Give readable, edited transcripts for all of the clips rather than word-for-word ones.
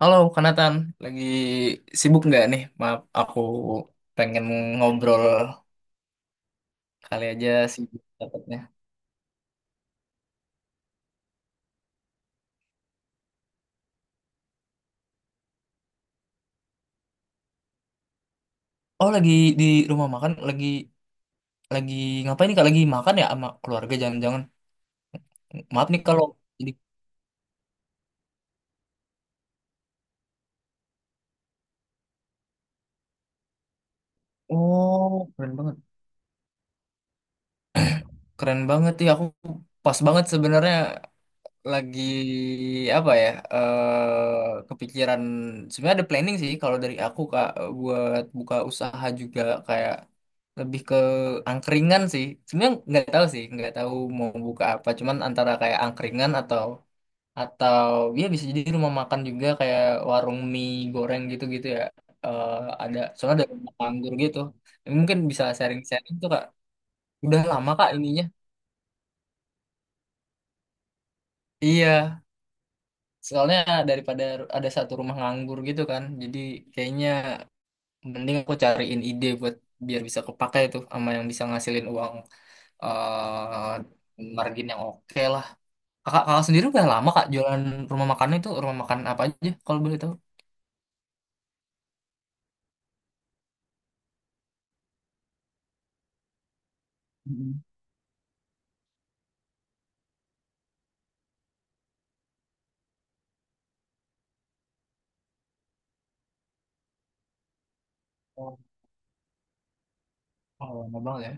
Halo, Kanatan. Lagi sibuk nggak nih? Maaf, aku pengen ngobrol. Kali aja sibuk dapatnya. Oh, lagi di rumah makan. Lagi ngapain nih, Kak? Lagi makan ya sama keluarga? Jangan-jangan. Maaf nih kalau jadi... Oh, keren banget. Keren banget. Ya, aku pas banget sebenarnya. Lagi apa ya, eh kepikiran sebenarnya ada planning sih kalau dari aku kak, buat buka usaha juga, kayak lebih ke angkringan sih sebenarnya. Nggak tahu sih, nggak tahu mau buka apa, cuman antara kayak angkringan atau atau ya bisa jadi rumah makan juga kayak warung mie goreng gitu gitu ya. Eh ada soalnya, ada rumah anggur gitu, mungkin bisa sharing-sharing tuh kak, udah lama kak ininya. Iya. Soalnya daripada ada satu rumah nganggur gitu kan, jadi kayaknya mending aku cariin ide buat biar bisa kepakai tuh sama yang bisa ngasilin uang, eh margin yang oke lah. Kakak, kakak sendiri udah lama kak jualan rumah makan itu, rumah makan apa aja kalau boleh tahu? Mm. Oh, oh, lama banget ya.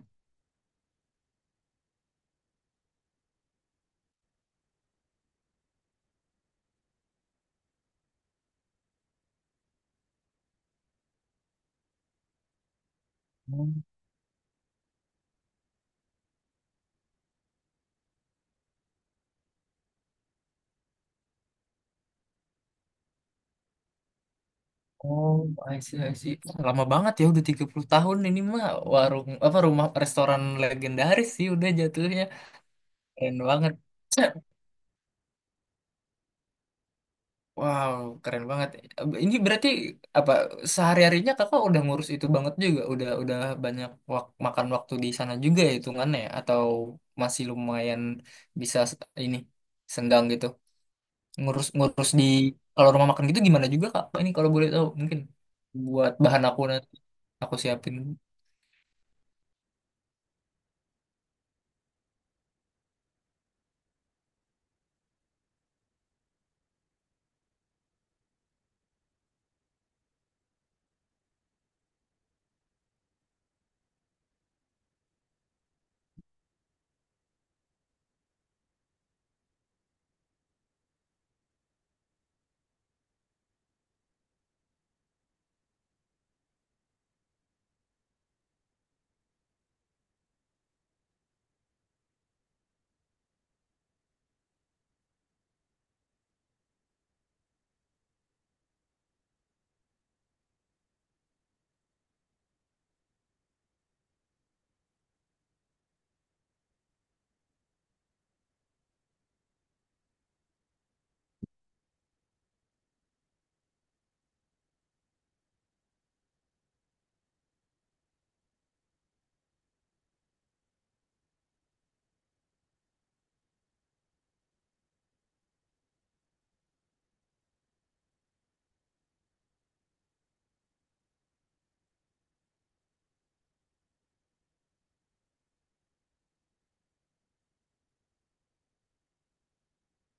Hmm. Oh, I see, I see. Lama banget ya, udah 30 tahun ini mah warung apa rumah restoran legendaris sih udah jatuhnya. Keren banget. Wow, keren banget. Ini berarti apa, sehari-harinya kakak udah ngurus itu banget juga, udah banyak wak- makan waktu di sana juga ya hitungannya ya? Atau masih lumayan bisa s- ini senggang gitu. Ngurus-ngurus di kalau rumah makan gitu gimana juga kak? Ini kalau boleh tahu mungkin buat bahan aku nanti aku siapin.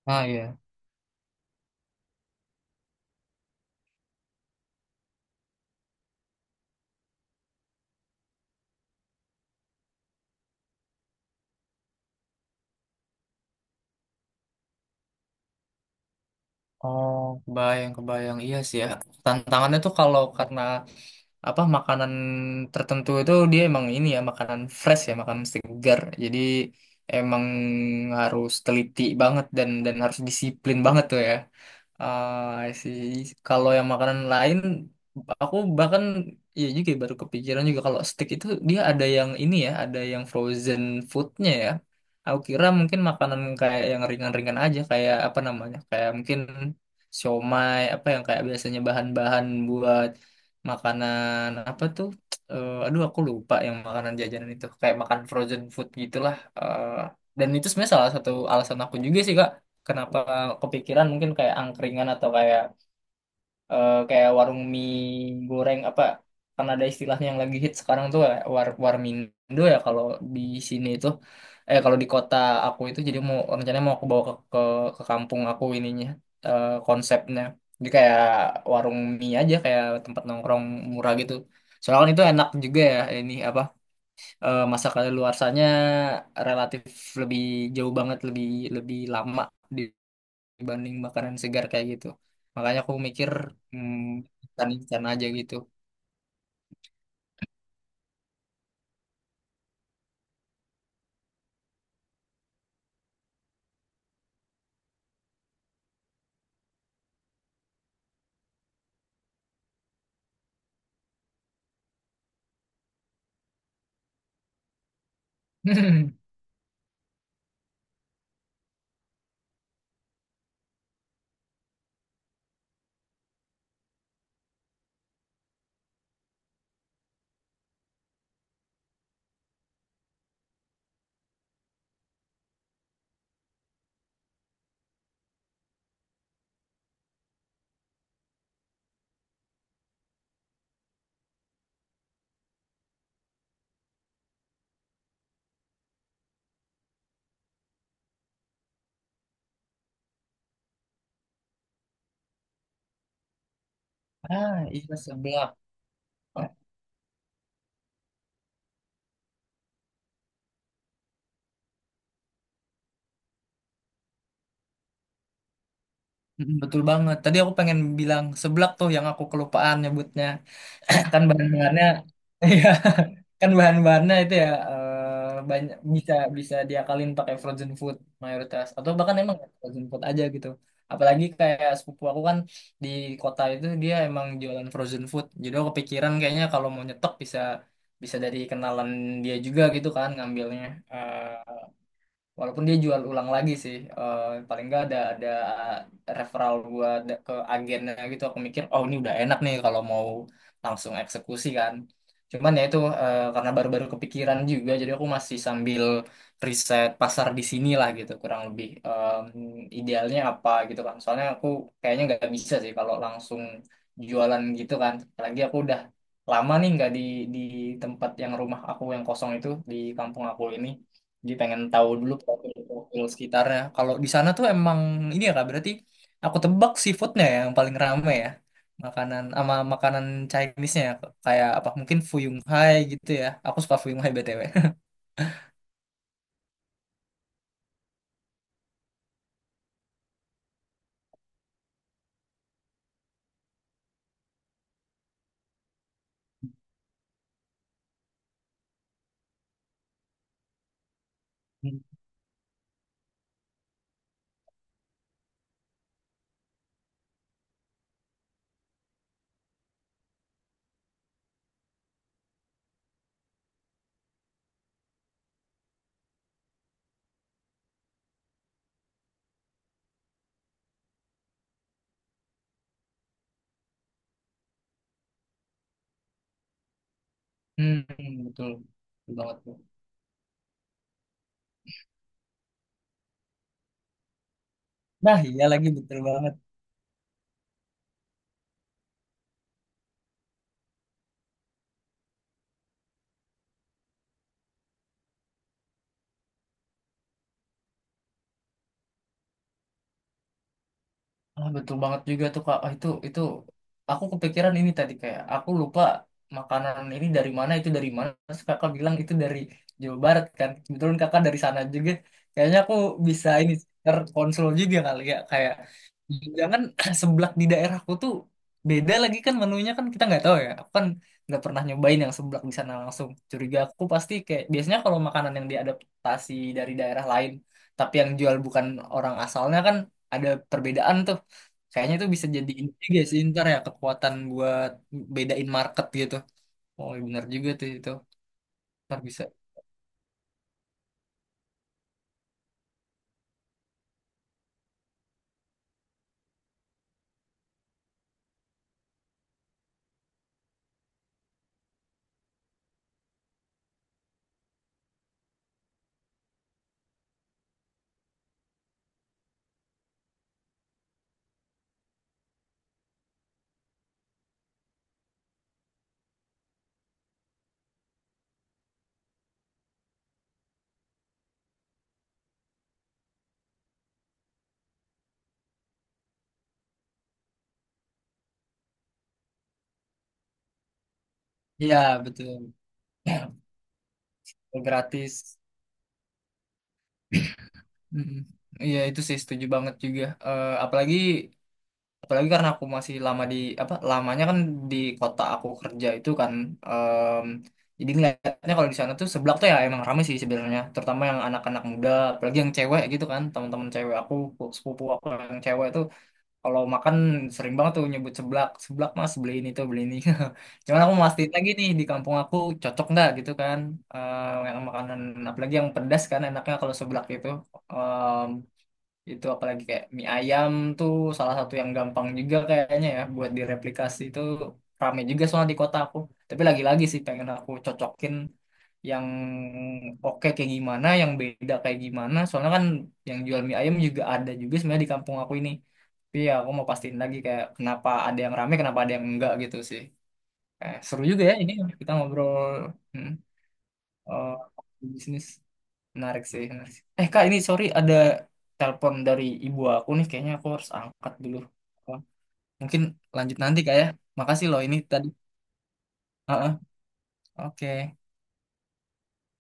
Ah ya. Oh, kebayang, kebayang. Iya sih ya. Tantangannya tuh kalau karena apa, makanan tertentu itu dia emang ini ya, makanan fresh ya, makanan segar. Jadi emang harus teliti banget dan harus disiplin banget tuh ya. Ah, sih. Kalau yang makanan lain, aku bahkan ya juga ya, baru kepikiran juga kalau steak itu dia ada yang ini ya, ada yang frozen foodnya ya. Aku kira mungkin makanan kayak yang ringan-ringan aja, kayak apa namanya, kayak mungkin siomay, apa yang kayak biasanya bahan-bahan buat makanan apa tuh? Eh, aduh, aku lupa yang makanan jajanan itu, kayak makan frozen food gitulah. Dan itu sebenarnya salah satu alasan aku juga sih Kak, kenapa kepikiran mungkin kayak angkringan atau kayak kayak warung mie goreng apa, karena ada istilahnya yang lagi hit sekarang tuh kayak war warmindo ya kalau di sini itu, kalau di kota aku itu, jadi mau rencananya mau aku bawa ke ke kampung aku ininya. Konsepnya jadi kayak warung mie aja, kayak tempat nongkrong murah gitu. Soalnya kan itu enak juga ya, ini apa, masa kadaluarsanya relatif lebih jauh banget, lebih lebih lama di dibanding makanan segar kayak gitu. Makanya aku mikir hmm, instan-instan aja gitu. Ah, iya seblak. Mm, betul banget. Tadi aku pengen bilang seblak tuh yang aku kelupaan nyebutnya. Kan bahan-bahannya kan bahan-bahannya itu ya, banyak bisa bisa diakalin pakai frozen food mayoritas atau bahkan emang frozen food aja gitu. Apalagi kayak sepupu aku kan di kota itu dia emang jualan frozen food, jadi aku kepikiran kayaknya kalau mau nyetok bisa bisa dari kenalan dia juga gitu kan ngambilnya. Eh, Walaupun dia jual ulang lagi sih, paling nggak ada referral gua ada- ke agennya gitu. Aku mikir, oh ini udah enak nih kalau mau langsung eksekusi kan. Cuman ya itu, karena baru-baru kepikiran juga, jadi aku masih sambil riset pasar di sini lah gitu, kurang lebih. Idealnya apa gitu kan. Soalnya aku kayaknya nggak bisa sih kalau langsung jualan gitu kan. Apalagi aku udah lama nih nggak di di tempat yang rumah aku yang kosong itu di kampung aku ini. Jadi pengen tahu dulu profil-profil sekitarnya. Kalau di sana tuh emang ini ya kak, berarti aku tebak seafoodnya ya yang paling rame ya. Makanan sama makanan Chinese-nya ya, kayak apa mungkin Fuyung Hai gitu ya. Aku suka Fuyung Hai BTW. Hmm, betul. Betul banget. Tuh. Nah, iya lagi betul banget. Ah, betul banget juga tuh Kak. Ah, itu aku kepikiran ini tadi kayak aku lupa makanan ini dari mana itu dari mana. Terus Kakak bilang itu dari Jawa Barat kan. Kebetulan Kakak dari sana juga. Kayaknya aku bisa ini terkonsol juga kali ya, kayak jangan seblak di daerahku tuh beda lagi kan menunya, kan kita nggak tahu ya. Aku kan nggak pernah nyobain yang seblak di sana langsung. Curiga aku pasti kayak biasanya kalau makanan yang diadaptasi dari daerah lain tapi yang jual bukan orang asalnya kan ada perbedaan tuh. Kayaknya itu bisa jadi ini juga sih ntar ya, kekuatan buat bedain market gitu. Oh benar juga tuh itu. Ntar bisa. Iya betul. Gratis. Mm-mm. Iya itu sih setuju banget juga. Apalagi apalagi karena aku masih lama di apa lamanya kan di kota aku kerja itu kan. em, jadi ngeliatnya kalau di sana tuh seblak tuh ya emang rame sih sebenarnya. Terutama yang anak-anak muda, apalagi yang cewek gitu kan. Teman-teman cewek aku, sepupu aku yang cewek tuh kalau makan sering banget tuh nyebut seblak, seblak mas beli ini tuh beli ini. Cuman aku mau mastiin lagi nih di kampung aku cocok nggak gitu kan. Yang makanan apalagi yang pedas kan enaknya kalau seblak itu apalagi kayak mie ayam tuh salah satu yang gampang juga kayaknya ya buat direplikasi itu, rame juga soalnya di kota aku, tapi lagi-lagi sih pengen aku cocokin yang oke kayak gimana, yang beda kayak gimana, soalnya kan yang jual mie ayam juga ada juga sebenarnya di kampung aku ini, tapi ya aku mau pastiin lagi kayak kenapa ada yang rame kenapa ada yang enggak gitu sih. Eh, seru juga ya ini kita ngobrol. Hmm, eh bisnis. Menarik sih, menarik sih. Eh, Kak, ini sorry ada telepon dari ibu aku nih. Kayaknya aku harus angkat dulu. Oh, mungkin lanjut nanti, Kak ya. Makasih loh ini tadi. Heeh, oke.